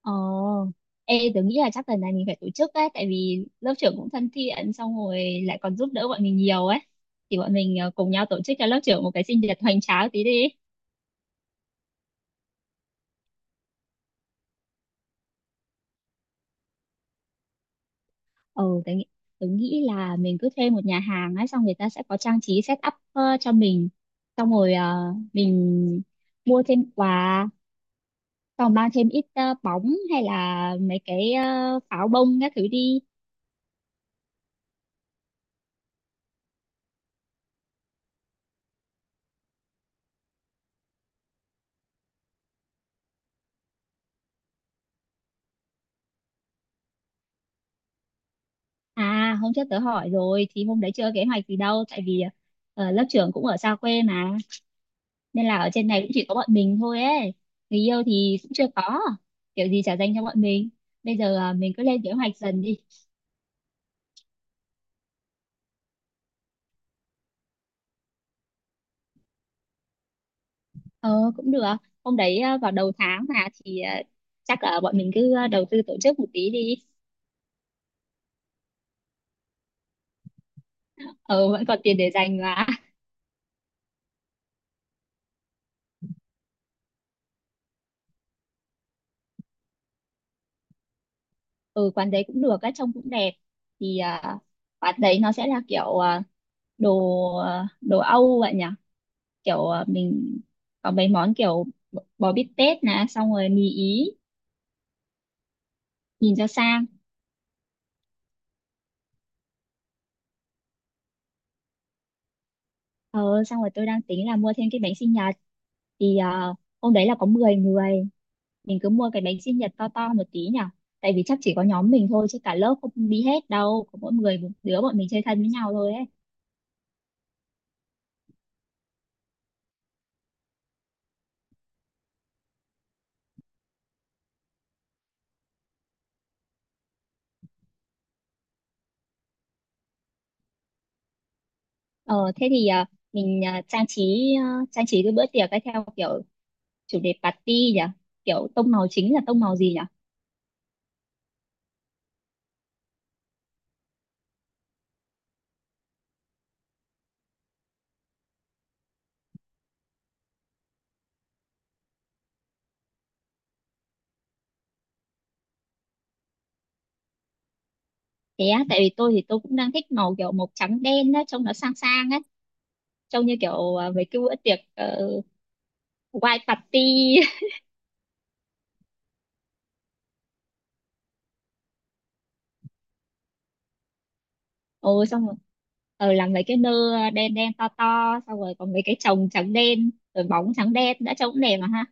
Ồ, ê, tớ nghĩ là chắc lần này mình phải tổ chức ấy, tại vì lớp trưởng cũng thân thiện, xong rồi lại còn giúp đỡ bọn mình nhiều ấy. Thì bọn mình cùng nhau tổ chức cho lớp trưởng một cái sinh nhật hoành tráng tí đi. Ừ, tớ nghĩ là mình cứ thuê một nhà hàng ấy, xong người ta sẽ có trang trí set up cho mình. Xong rồi mình mua thêm quà, xong mang thêm ít bóng hay là mấy cái pháo bông các thứ đi. À, hôm trước tớ hỏi rồi thì hôm đấy chưa kế hoạch gì đâu, tại vì lớp trưởng cũng ở xa quê mà, nên là ở trên này cũng chỉ có bọn mình thôi ấy. Người yêu thì cũng chưa có, kiểu gì trả dành cho bọn mình. Bây giờ mình cứ lên kế hoạch dần đi. ờ Cũng được. Hôm đấy vào đầu tháng mà thì chắc là bọn mình cứ đầu tư tổ chức một tí đi. Ờ Vẫn còn tiền để dành mà. Ừ, quán đấy cũng được, các trông cũng đẹp. Thì quán đấy nó sẽ là kiểu đồ đồ Âu vậy nhỉ, kiểu mình có mấy món kiểu bò bò bít tết nè, xong rồi mì ý, nhìn cho sang. Ờ Xong rồi tôi đang tính là mua thêm cái bánh sinh nhật. Thì hôm đấy là có 10 người, mình cứ mua cái bánh sinh nhật to to một tí nhở, tại vì chắc chỉ có nhóm mình thôi, chứ cả lớp không đi hết đâu, có mỗi người một đứa bọn mình chơi thân với nhau thôi ấy. Ờ Thế thì mình ờ, trang trí cái bữa tiệc ấy theo kiểu chủ đề party nhỉ, kiểu tông màu chính là tông màu gì nhỉ? Thế á? Tại vì tôi thì tôi cũng đang thích màu kiểu màu trắng đen á, trông nó sang sang á, trông như kiểu mấy cái bữa tiệc white party. Ồ, xong rồi làm mấy cái nơ đen đen to to, xong rồi có mấy cái chồng trắng đen rồi bóng trắng đen đã, trông cũng đẹp mà ha.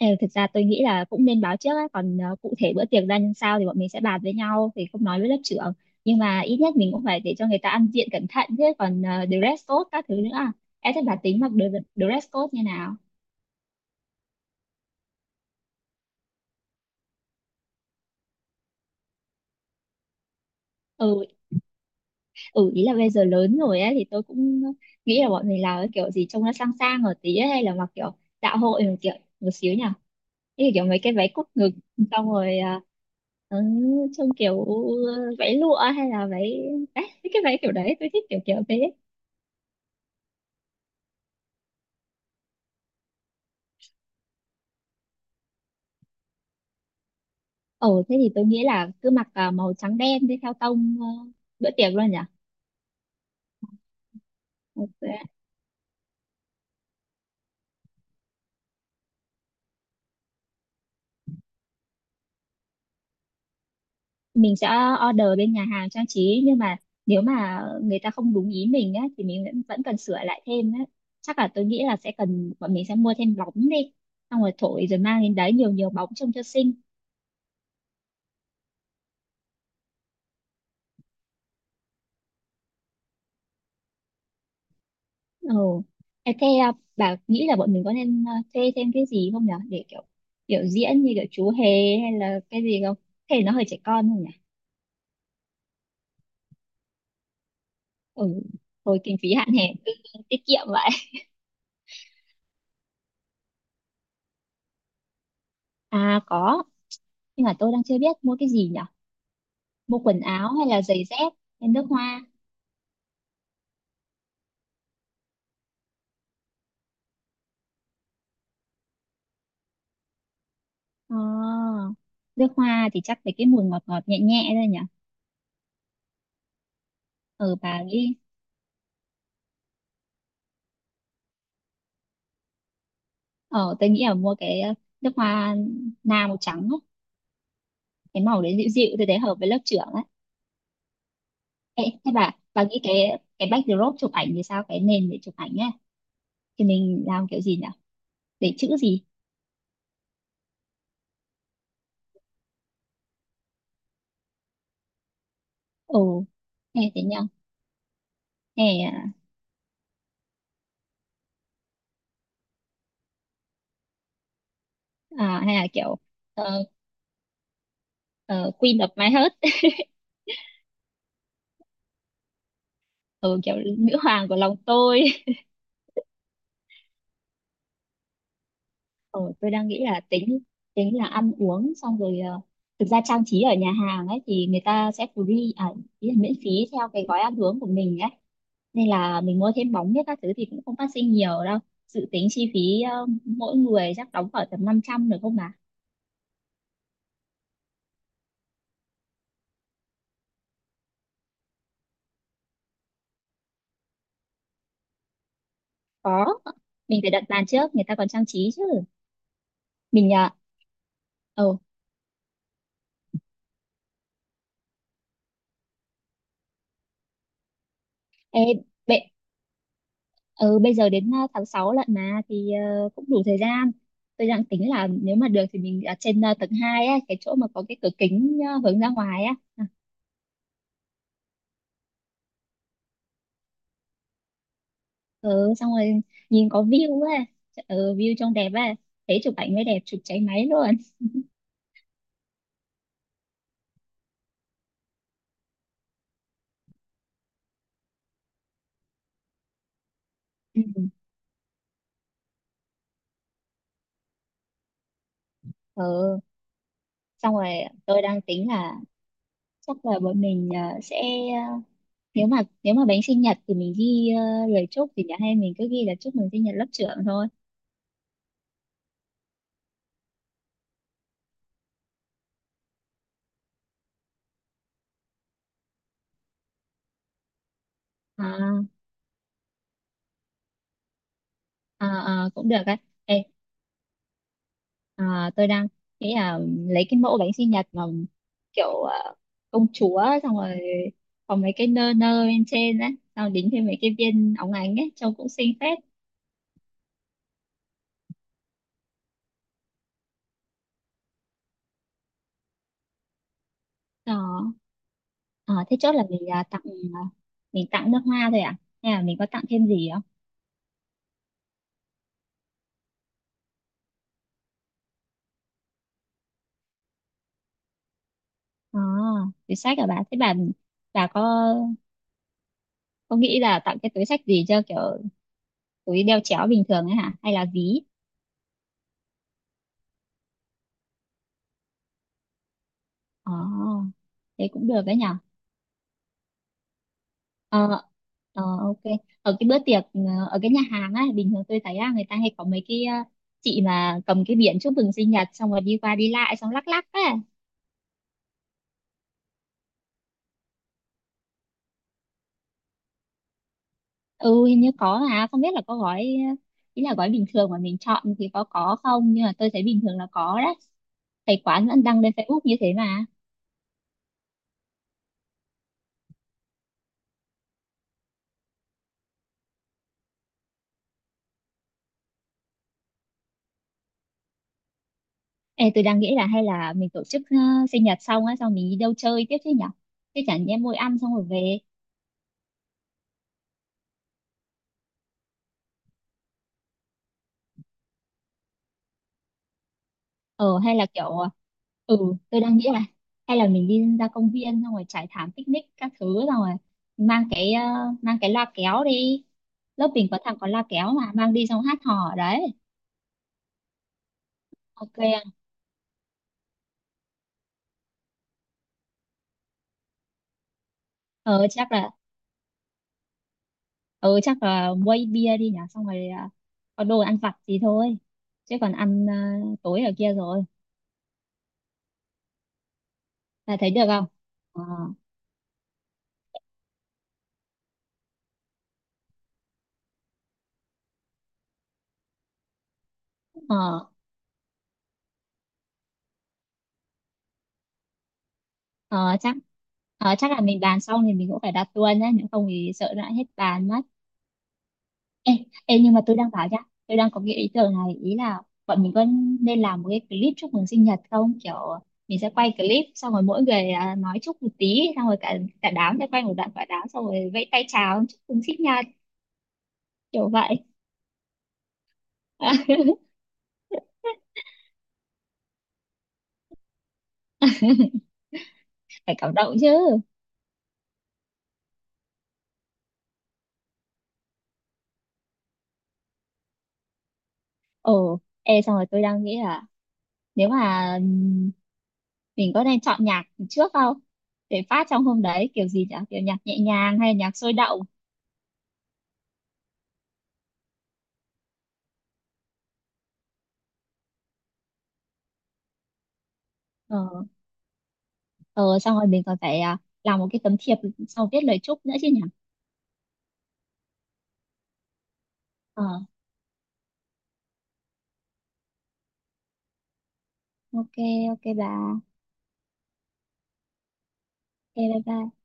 Ờ, Thực ra tôi nghĩ là cũng nên báo trước á, còn cụ thể bữa tiệc ra làm sao thì bọn mình sẽ bàn với nhau, thì không nói với lớp trưởng. Nhưng mà ít nhất mình cũng phải để cho người ta ăn diện cẩn thận chứ, còn dress code các thứ nữa. Em thích bà tính mặc dress code như nào? Ừ, ừ, ý là bây giờ lớn rồi ấy, thì tôi cũng nghĩ là bọn mình làm cái kiểu gì trông nó sang sang ở tí ấy, hay là mặc kiểu dạ hội một kiểu một xíu nhỉ, cái kiểu mấy cái váy cúc ngực, xong rồi ừ, trông kiểu váy lụa hay là váy đấy, mấy cái váy kiểu đấy tôi thích kiểu kiểu thế. Ồ thế thì tôi nghĩ là cứ mặc màu trắng đen đi theo tông bữa tiệc luôn nhỉ. Ok, mình sẽ order bên nhà hàng trang trí, nhưng mà nếu mà người ta không đúng ý mình á thì mình vẫn vẫn cần sửa lại thêm á. Chắc là tôi nghĩ là sẽ cần bọn mình sẽ mua thêm bóng đi, xong rồi thổi rồi mang đến đấy, nhiều nhiều bóng trông cho xinh. Ừ. Ê, thế à, bà nghĩ là bọn mình có nên thuê thêm cái gì không nhỉ, để kiểu biểu diễn như kiểu chú hề hay là cái gì không? Thế nó hơi trẻ con không nhỉ? Ừ, thôi, kinh phí hạn hẹp cứ tiết kiệm vậy. À có, nhưng mà tôi đang chưa biết mua cái gì nhỉ, mua quần áo hay là giày dép hay nước hoa? Ờ, Nước hoa thì chắc phải cái mùi ngọt ngọt nhẹ nhẹ thôi nhỉ. Ừ, bà nghĩ ờ tôi nghĩ là mua cái nước hoa na màu trắng á. Cái màu đấy dịu dịu, tôi thấy hợp với lớp trưởng ấy. Ê, thế bà nghĩ cái backdrop chụp ảnh thì sao, cái nền để chụp ảnh ấy thì mình làm kiểu gì nhỉ, để chữ gì? Ồ, ừ, thế nhỉ. hay à, Hay là kiểu ờ, ờ, Queen of my heart, ừ, kiểu nữ hoàng của lòng tôi. Ờ, tôi đang nghĩ là tính tính là ăn uống, xong rồi thực ra trang trí ở nhà hàng ấy thì người ta sẽ free à, ý là miễn phí theo cái gói ăn uống của mình ấy, nên là mình mua thêm bóng biết các thứ thì cũng không phát sinh nhiều đâu. Dự tính chi phí mỗi người chắc đóng khoảng tầm 500 được không mà? Có, mình phải đặt bàn trước người ta còn trang trí chứ. Mình ừ. Ê, bệ- ừ, bây giờ đến tháng 6 lận mà, thì cũng đủ thời gian. Tôi đang tính là nếu mà được thì mình ở trên tầng 2 á, cái chỗ mà có cái cửa kính hướng ra ngoài á. À, ừ, xong rồi nhìn có view á, ừ, view trông đẹp á, thế chụp ảnh mới đẹp, chụp cháy máy luôn. Ừ, ừ. Xong rồi tôi đang tính là chắc là bọn mình sẽ ờ, nếu mà bánh sinh nhật thì mình ghi lời chúc, thì nhà hay mình cứ ghi là chúc mừng sinh nhật lớp trưởng thôi. À, à, à, cũng được á. Ê, à, tôi đang nghĩ là lấy cái mẫu bánh sinh nhật mà kiểu công chúa, xong rồi có mấy cái nơ nơ bên trên á, xong đính thêm mấy cái viên óng ánh ấy trông cũng xinh phết. Đó. À, thế chốt là mình tặng, à, mình tặng nước hoa thôi à, hay là mình có tặng thêm gì không? À, túi xách à, bà thế bà có nghĩ là tặng cái túi xách gì cho kiểu túi đeo chéo bình thường ấy hả, hay là ví? À, thế cũng được đấy nhỉ. Ờ, ok. Ở cái bữa tiệc ờ, ở cái nhà hàng á, bình thường tôi thấy á, người ta hay có mấy cái chị mà cầm cái biển chúc mừng sinh nhật, xong rồi đi qua đi lại xong lắc lắc á. Ừ, hình như có, mà không biết là có gói ờ, ý là gói bình thường mà mình chọn thì có không, nhưng mà tôi thấy bình thường là có đấy. Thấy quán vẫn đăng lên Facebook như thế mà. Ê, tôi đang nghĩ là hay là mình tổ chức sinh nhật xong á, xong mình đi đâu chơi tiếp chứ nhở? Chứ chẳng nhẽ mỗi ăn xong rồi về. Ờ Hay là kiểu ừ, tôi đang nghĩ là hay là mình đi ra công viên, xong rồi trải thảm picnic các thứ, xong rồi mang cái ờ, mang cái loa kéo đi. Lớp mình có thằng có loa kéo mà, mang đi xong hát hò ở đấy, ok không? ờ chắc là ờ chắc là quay bia đi nhỉ, xong rồi có đồ ăn vặt gì thôi, chứ còn ăn tối ở kia rồi, là thấy được không? Ờ ờ ờ chắc ờ, chắc là mình bàn xong thì mình cũng phải đặt luôn nhé, nếu không thì sợ lại hết bàn mất. Ê, ê, nhưng mà tôi đang bảo nhá, tôi đang có cái ý tưởng này, ý là bọn mình có nên làm một cái clip chúc mừng sinh nhật không? Kiểu mình sẽ quay clip, xong rồi mỗi người nói chúc một tí, xong rồi cả cả đám sẽ quay một đoạn quả đám, xong rồi vẫy tay chào chúc mừng sinh nhật kiểu vậy. Phải cảm động chứ. Ồ, ê, xong rồi tôi đang nghĩ là nếu mà mình có nên chọn nhạc trước không? Để phát trong hôm đấy kiểu gì nhỉ? Kiểu nhạc nhẹ nhàng hay nhạc sôi động? Ờ ờ Xong rồi mình còn phải làm một cái tấm thiệp, xong viết lời chúc nữa chứ nhỉ. ờ ok, ok bà, ok, bye bye.